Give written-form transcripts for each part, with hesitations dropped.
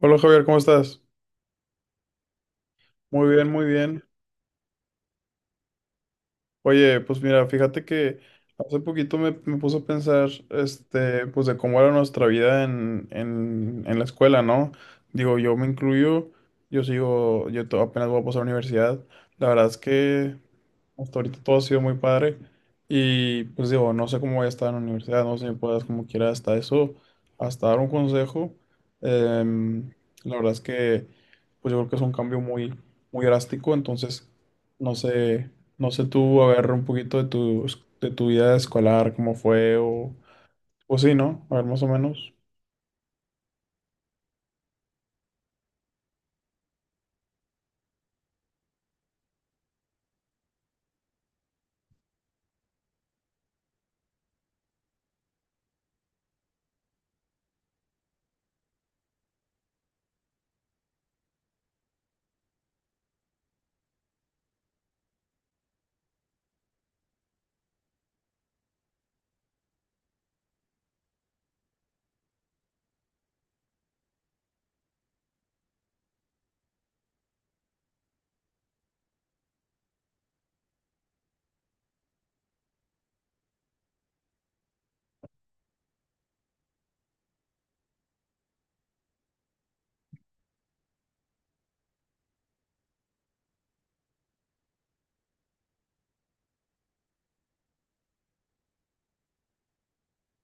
Hola Javier, ¿cómo estás? Muy bien, muy bien. Oye, pues mira, fíjate que hace poquito me puse a pensar, pues de cómo era nuestra vida en la escuela, ¿no? Digo, yo me incluyo, yo sigo, apenas voy a pasar a la universidad. La verdad es que hasta ahorita todo ha sido muy padre y pues digo, no sé cómo voy a estar en la universidad, no sé si me puedas como quiera hasta eso, hasta dar un consejo. Em, la verdad es que pues yo creo que es un cambio muy drástico, entonces no sé, no sé tú, a ver un poquito de de tu vida escolar, cómo fue o sí, ¿no? A ver más o menos.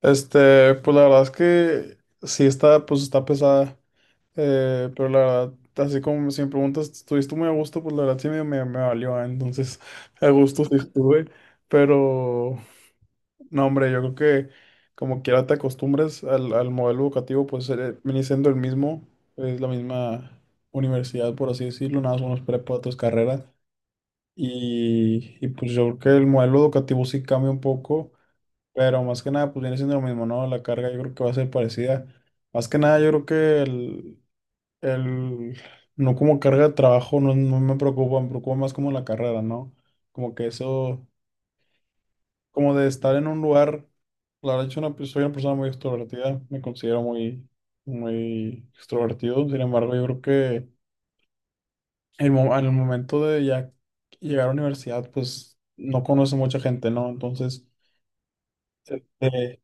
Pues la verdad es que sí está, pues está pesada. Pero la verdad, así como si me preguntas, ¿estuviste muy a gusto? Pues la verdad sí me valió, ¿eh? Entonces, a gusto sí estuve. Pero no, hombre, yo creo que como quiera te acostumbres al modelo educativo, pues viene siendo el mismo, es la misma universidad, por así decirlo, nada más unos prepa, otras carreras. Y pues yo creo que el modelo educativo sí cambia un poco, pero más que nada, pues viene siendo lo mismo, ¿no? La carga yo creo que va a ser parecida. Más que nada, yo creo que el, no como carga de trabajo, no me preocupa, me preocupa más como la carrera, ¿no? Como que eso, como de estar en un lugar, la verdad, yo soy una, pe- soy una persona muy extrovertida, me considero muy extrovertido, sin embargo, yo creo que al momento de ya llegar a la universidad, pues no conoce mucha gente, ¿no? Entonces, este,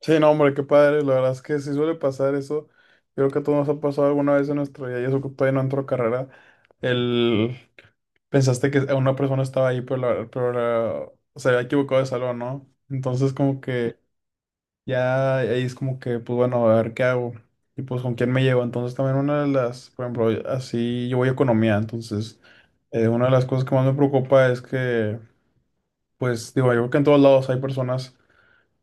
sí, no, hombre, qué padre. La verdad es que sí suele pasar eso. Yo creo que a todos nos ha pasado alguna vez en nuestro día, y eso que todavía no entró a carrera. El... Pensaste que una persona estaba ahí, pero, se había equivocado de salón, ¿no? Entonces, como que ya ahí es como que, pues bueno, a ver qué hago. Y pues con quién me llevo. Entonces, también una de las, por ejemplo, así yo voy a economía. Entonces, una de las cosas que más me preocupa es que, pues digo, yo creo que en todos lados hay personas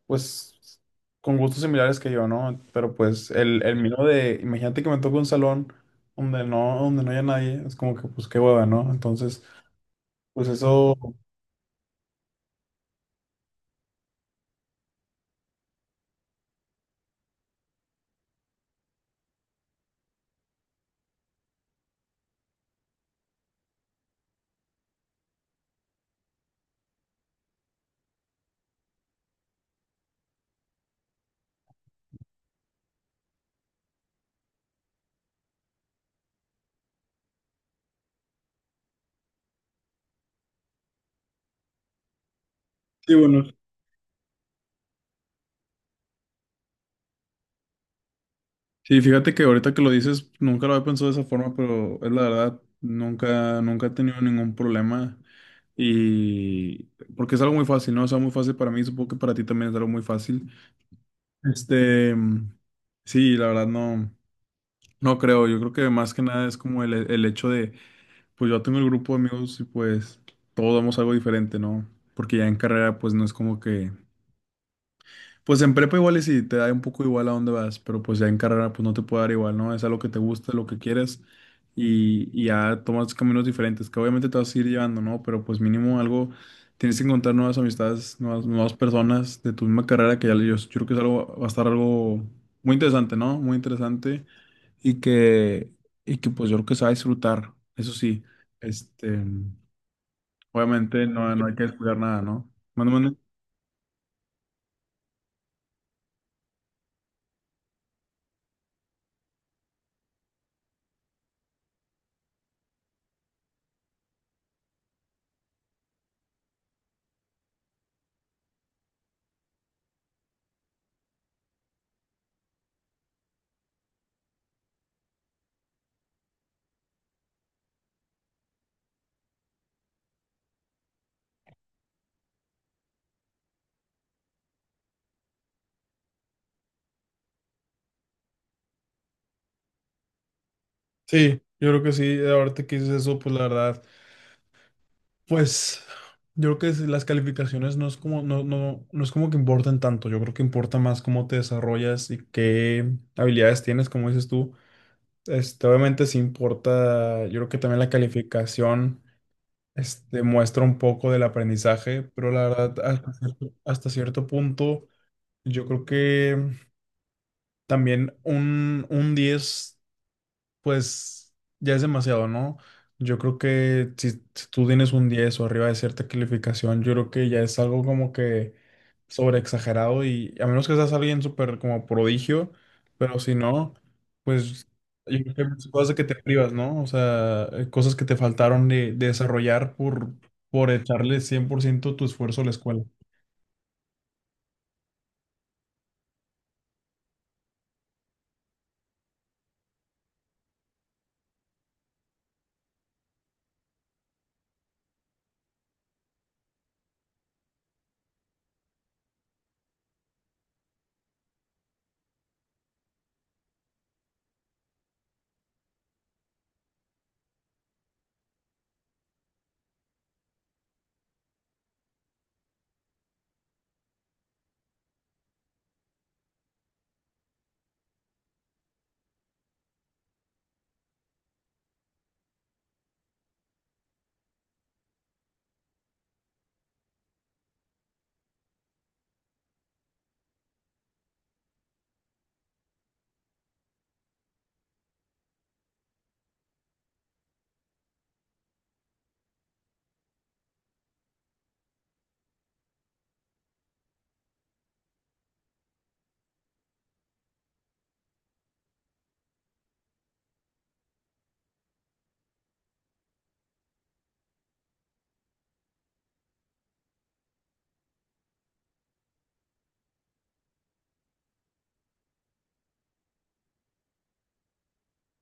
pues con gustos similares que yo, ¿no? Pero pues el Sí. mío de, imagínate que me toque un salón donde donde no haya nadie, es como que pues qué hueva, ¿no? Entonces, pues eso, sí, bueno. Sí, fíjate que ahorita que lo dices, nunca lo había pensado de esa forma, pero es la verdad, nunca he tenido ningún problema. Y porque es algo muy fácil, ¿no? Es algo muy fácil para mí, supongo que para ti también es algo muy fácil. Este, mm, sí, la verdad no, no creo. Yo creo que más que nada es como el hecho de pues yo tengo el grupo de amigos y pues todos damos algo diferente, ¿no? Porque ya en carrera pues no es como que... Pues en prepa igual y si te da un poco igual a dónde vas, pero pues ya en carrera pues no te puede dar igual, ¿no? Es algo que te gusta, lo que quieres y ya tomas caminos diferentes que obviamente te vas a ir llevando, ¿no? Pero pues mínimo algo, tienes que encontrar nuevas amistades, nuevas personas de tu misma carrera yo creo que es algo, va a estar algo muy interesante, ¿no? Muy interesante y que, y que pues yo creo que se va a disfrutar, eso sí. Este, Obviamente no hay que descuidar nada, ¿no? Manda, manda. Sí, yo creo que sí, ahorita que dices eso, pues la verdad, pues yo creo que si las calificaciones no es como, no es como que importan tanto, yo creo que importa más cómo te desarrollas y qué habilidades tienes, como dices tú. Este, obviamente sí importa, yo creo que también la calificación este, muestra un poco del aprendizaje, pero la verdad, hasta cierto punto, yo creo que también un 10 pues ya es demasiado, ¿no? Yo creo que si tú tienes un 10 o arriba de cierta calificación, yo creo que ya es algo como que sobreexagerado y a menos que seas alguien súper como prodigio, pero si no, pues yo creo que hay muchas cosas de que te privas, ¿no? O sea, cosas que te faltaron de desarrollar por echarle 100% tu esfuerzo a la escuela.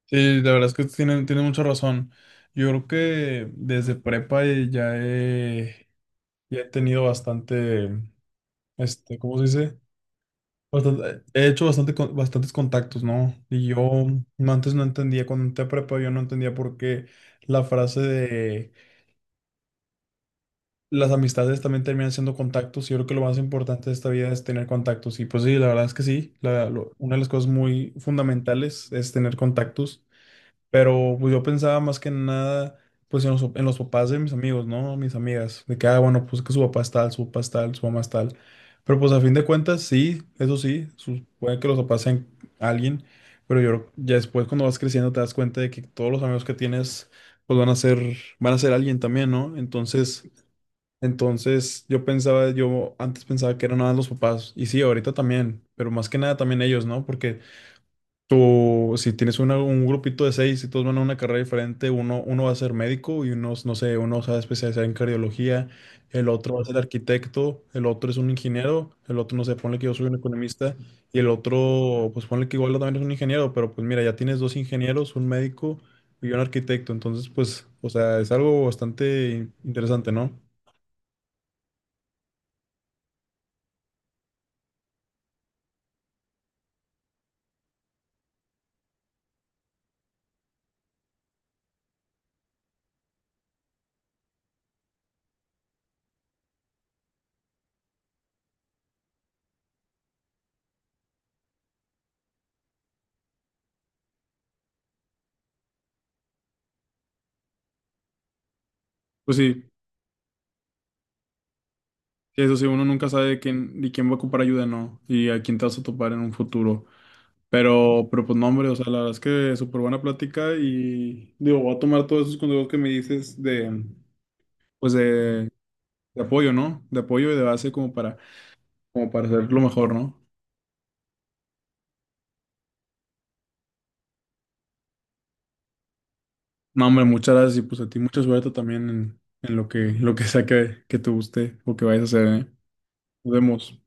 Sí, la verdad es que tienen, tienen mucha razón. Yo creo que desde prepa ya he tenido bastante. Este, ¿cómo se dice? He hecho bastantes contactos, ¿no? Y yo mm, antes no entendía, cuando entré a prepa, yo no entendía por qué la frase de las amistades también terminan siendo contactos. Yo creo que lo más importante de esta vida es tener contactos. Y pues sí, la verdad es que sí, una de las cosas muy fundamentales es tener contactos. Pero pues yo pensaba más que nada, pues en en los papás de mis amigos, ¿no? Mis amigas, de que, ah, bueno, pues que su papá es tal, su papá es tal, su mamá es tal. Pero pues a fin de cuentas, sí, eso sí, puede que los papás sean alguien, pero ya después cuando vas creciendo te das cuenta de que todos los amigos que tienes, pues van a ser alguien también, ¿no? Entonces yo pensaba, yo antes pensaba que eran nada más los papás, y sí, ahorita también, pero más que nada también ellos, ¿no? Porque tú, si tienes un grupito de 6 y todos van a una carrera diferente, uno va a ser médico y uno, no sé, uno se va a especializar en cardiología, el otro va a ser arquitecto, el otro es un ingeniero, el otro, no sé, ponle que yo soy un economista y el otro, pues ponle que igual también es un ingeniero, pero pues mira, ya tienes dos ingenieros, un médico y un arquitecto, entonces pues, o sea, es algo bastante interesante, ¿no? Pues sí, sí, eso sí, uno nunca sabe de quién va a ocupar ayuda, ¿no? Y a quién te vas a topar en un futuro. Pero pues no, hombre, o sea, la verdad es que súper buena plática y digo, voy a tomar todos esos consejos que me dices de, pues de, de apoyo, ¿no? De apoyo y de base como para, como para hacer lo mejor, ¿no? No, hombre, muchas gracias y pues a ti mucha suerte también en lo que sea que te guste o que vayas a hacer, ¿eh? Nos vemos.